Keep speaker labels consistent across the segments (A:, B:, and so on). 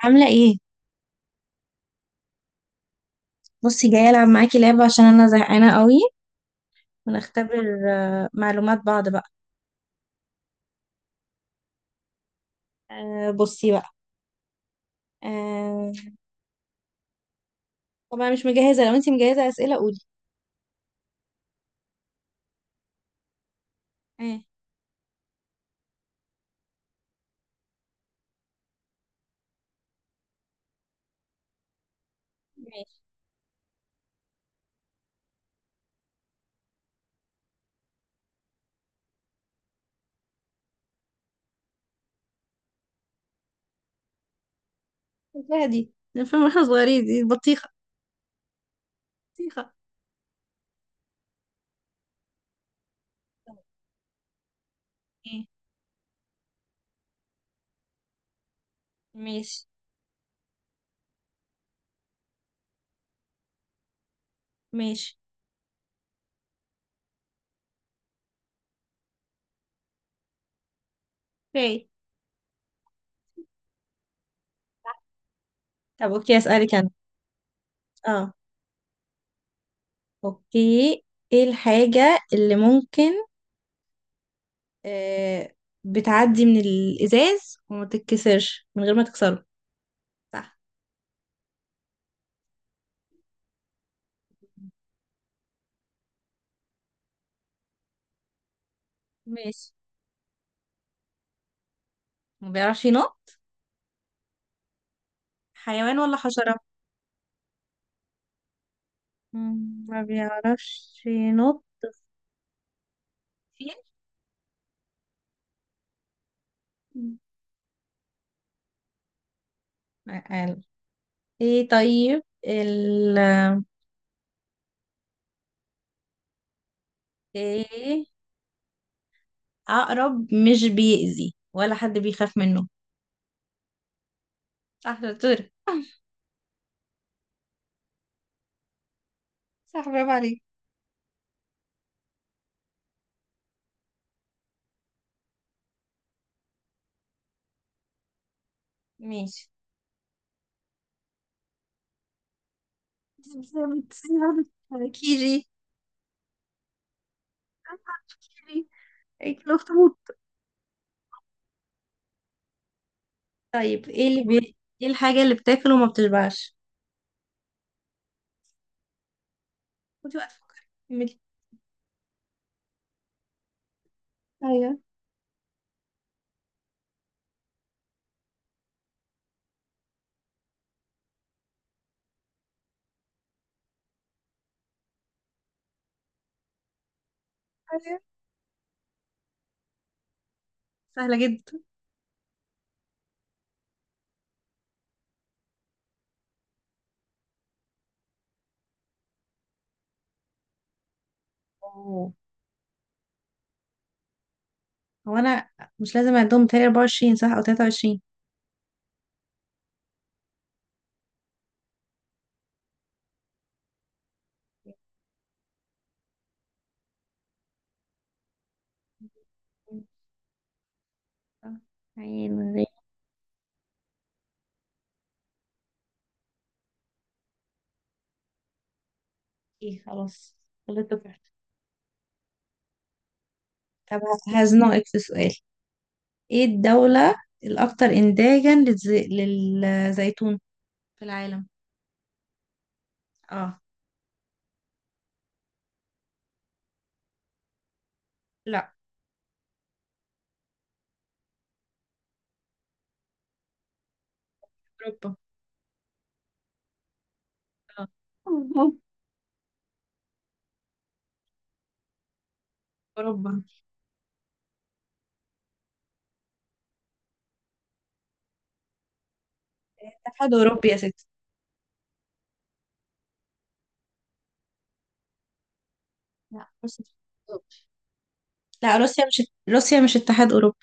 A: عاملة ايه؟ بصي، جاية ألعب معاكي لعبة عشان أنا زهقانة قوي ونختبر. معلومات بعض بقى. بصي بقى. آه، طبعا مش مجهزة. لو انتي مجهزة أسئلة قولي. ايه؟ ماشي. الفيها دي الفيلم واحنا صغيرين دي بطيخة. بطيخة. طب، ايه؟ ماشي، ماشي. اوكي. طب، اوكي، أسألك أنا. اه، اوكي. ايه الحاجة اللي ممكن آه، بتعدي من الإزاز وما تتكسرش من غير ما تكسره؟ صح. ماشي. ما بيعرفش ينط. حيوان ولا حشرة؟ ما بيعرفش ينط. فيل. قال ايه؟ طيب ال، ايه؟ عقرب مش بيأذي ولا حد بيخاف منه. صح دكتور. صح، برافو عليك. ماشي. كيجي. كيجي. الاخطبوط. طيب ايه اللي بي... ايه الحاجة اللي بتاكل وما بتشبعش؟ خدي وقت، فكري، كملي. ايوه، ايوه. سهلة جدا. هو انا مش لازم اعدهم تاني؟ 24 صح او 23؟ عين غيري. خلاص. غلطت واحدة. طب، هزنقك في سؤال. ايه الدولة الاكثر انتاجا للز... للزيتون في العالم؟ اه. لا. اوروبا. اه. اوروبا. اتحاد اوروبي يا ستي. لا، روسيا. لا، روسيا مش. روسيا مش اتحاد اوروبي.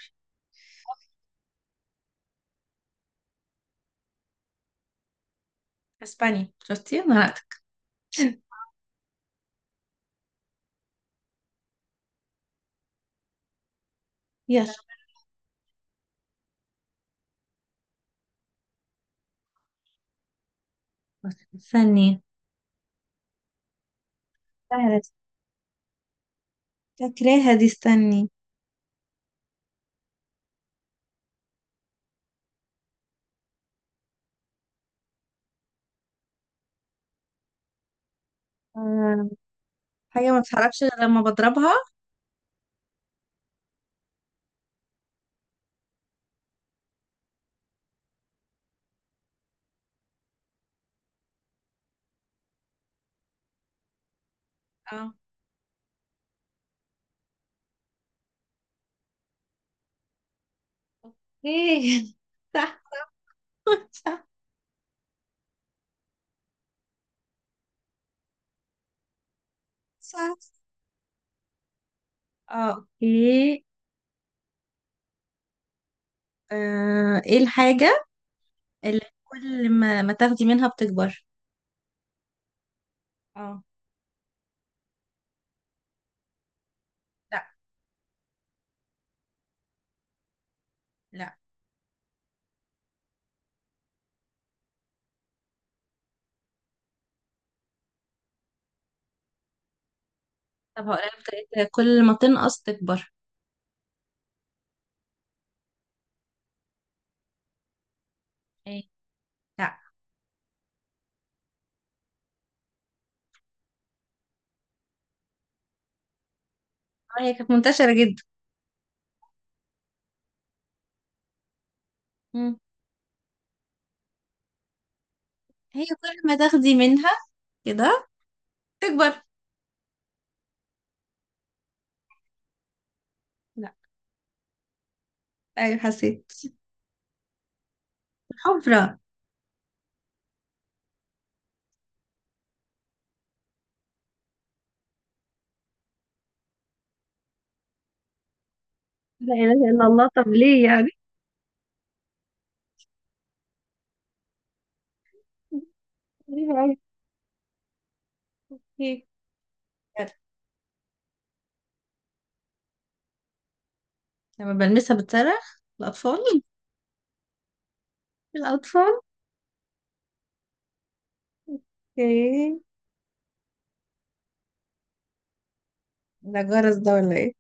A: اسبانيا، شفتي انا نطقتك. يلا. استني. سهلة. فاكراها دي، استني. حاجة ما بتتحركش غير لما بضربها. اه. ايه؟ صح. صح. صح. اه، اوكي. ايه الحاجة اللي كل ما تاخدي منها بتكبر؟ اه. لا. لا. طب، هقولها بطريقة، كل ما تنقص تكبر. ايه؟ لا. هي كانت منتشرة جدا. مم. هي كل ما تاخدي منها كده تكبر. لا. ايوه، حسيت. حفرة. لا اله الا الله، طب ليه يعني؟ غريبة أوي. ايه؟ يلا. لما بلمسها بتصرخ؟ الأطفال. الأطفال. اوكي. ده جرس ده ولا ايه؟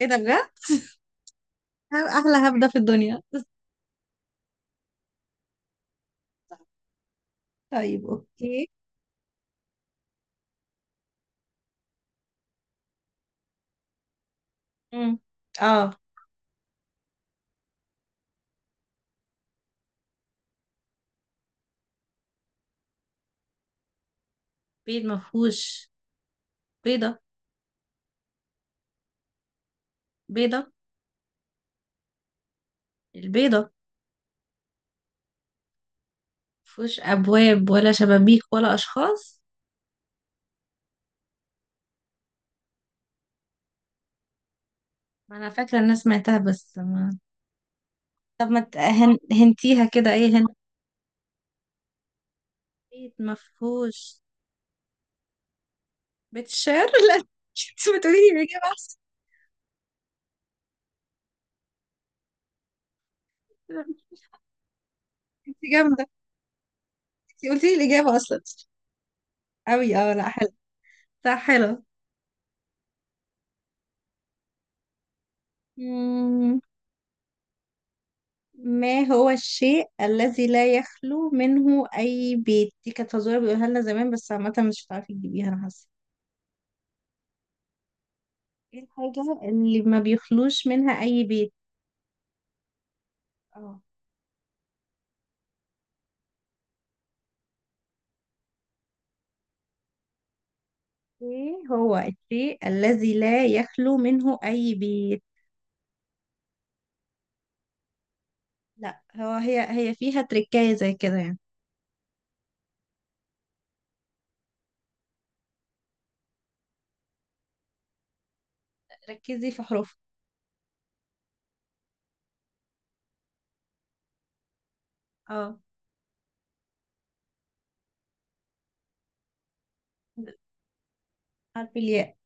A: ايه ده بجد! احلى هبدة في الدنيا. طيب، اوكي. مم. اه. بيت مفهوش. بيضة. بيضة. البيضة. مفهوش أبواب ولا شبابيك ولا أشخاص. ما أنا فاكرة الناس سمعتها بس ما. طب ما هنتيها كده، ايه هن. بيت مفهوش. بيت الشعر. لا، انت بتقولي لي الاجابه احسن. انت جامده. انت قلتي لي الاجابه اصلا. قوي. اه، لا، حلو. صح، حلو. ما هو الشيء الذي لا يخلو منه أي بيت؟ دي كانت فزورة بيقولها لنا زمان، بس عامة مش هتعرفي تجيبيها، أنا حاسة. ايه الحاجة اللي ما بيخلوش منها أي بيت؟ اه. ايه هو الشيء الذي لا يخلو منه أي بيت؟ لا، هو هي فيها تركاية زي كده يعني. ركزي في حروفها. اه. حرف الياء.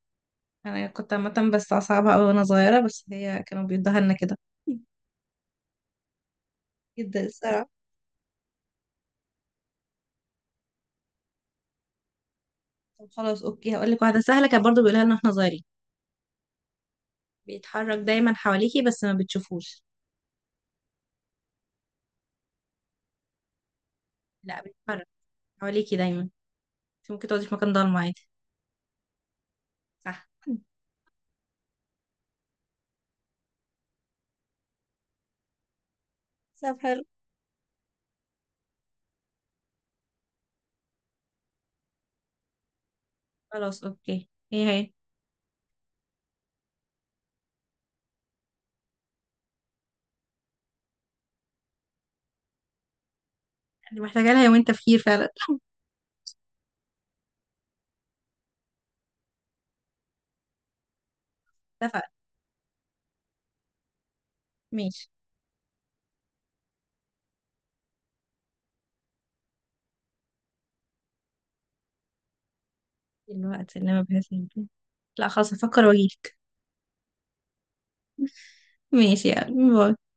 A: أنا كنت عامة، بس أصعبها أوي وأنا صغيرة، بس هي كانوا بيدوها لنا كده. جدا الصراحة. طب خلاص، أوكي، هقول لك واحدة سهلة كانت برضه بيقولها لنا واحنا صغيرين. بيتحرك دايما حواليكي بس ما بتشوفوش. لا، بيتحرك حواليكي دايما. انت ممكن تقعدي في مكان ضلمة عادي. صح. طب، حلو. خلاص، اوكي، ايه هي؟ اللي محتاجة لها يومين تفكير فعلا. اتفقنا. ماشي. الوقت اللي ما بحس. لا خلاص، هفكر واجيلك. ماشي، يعني باي.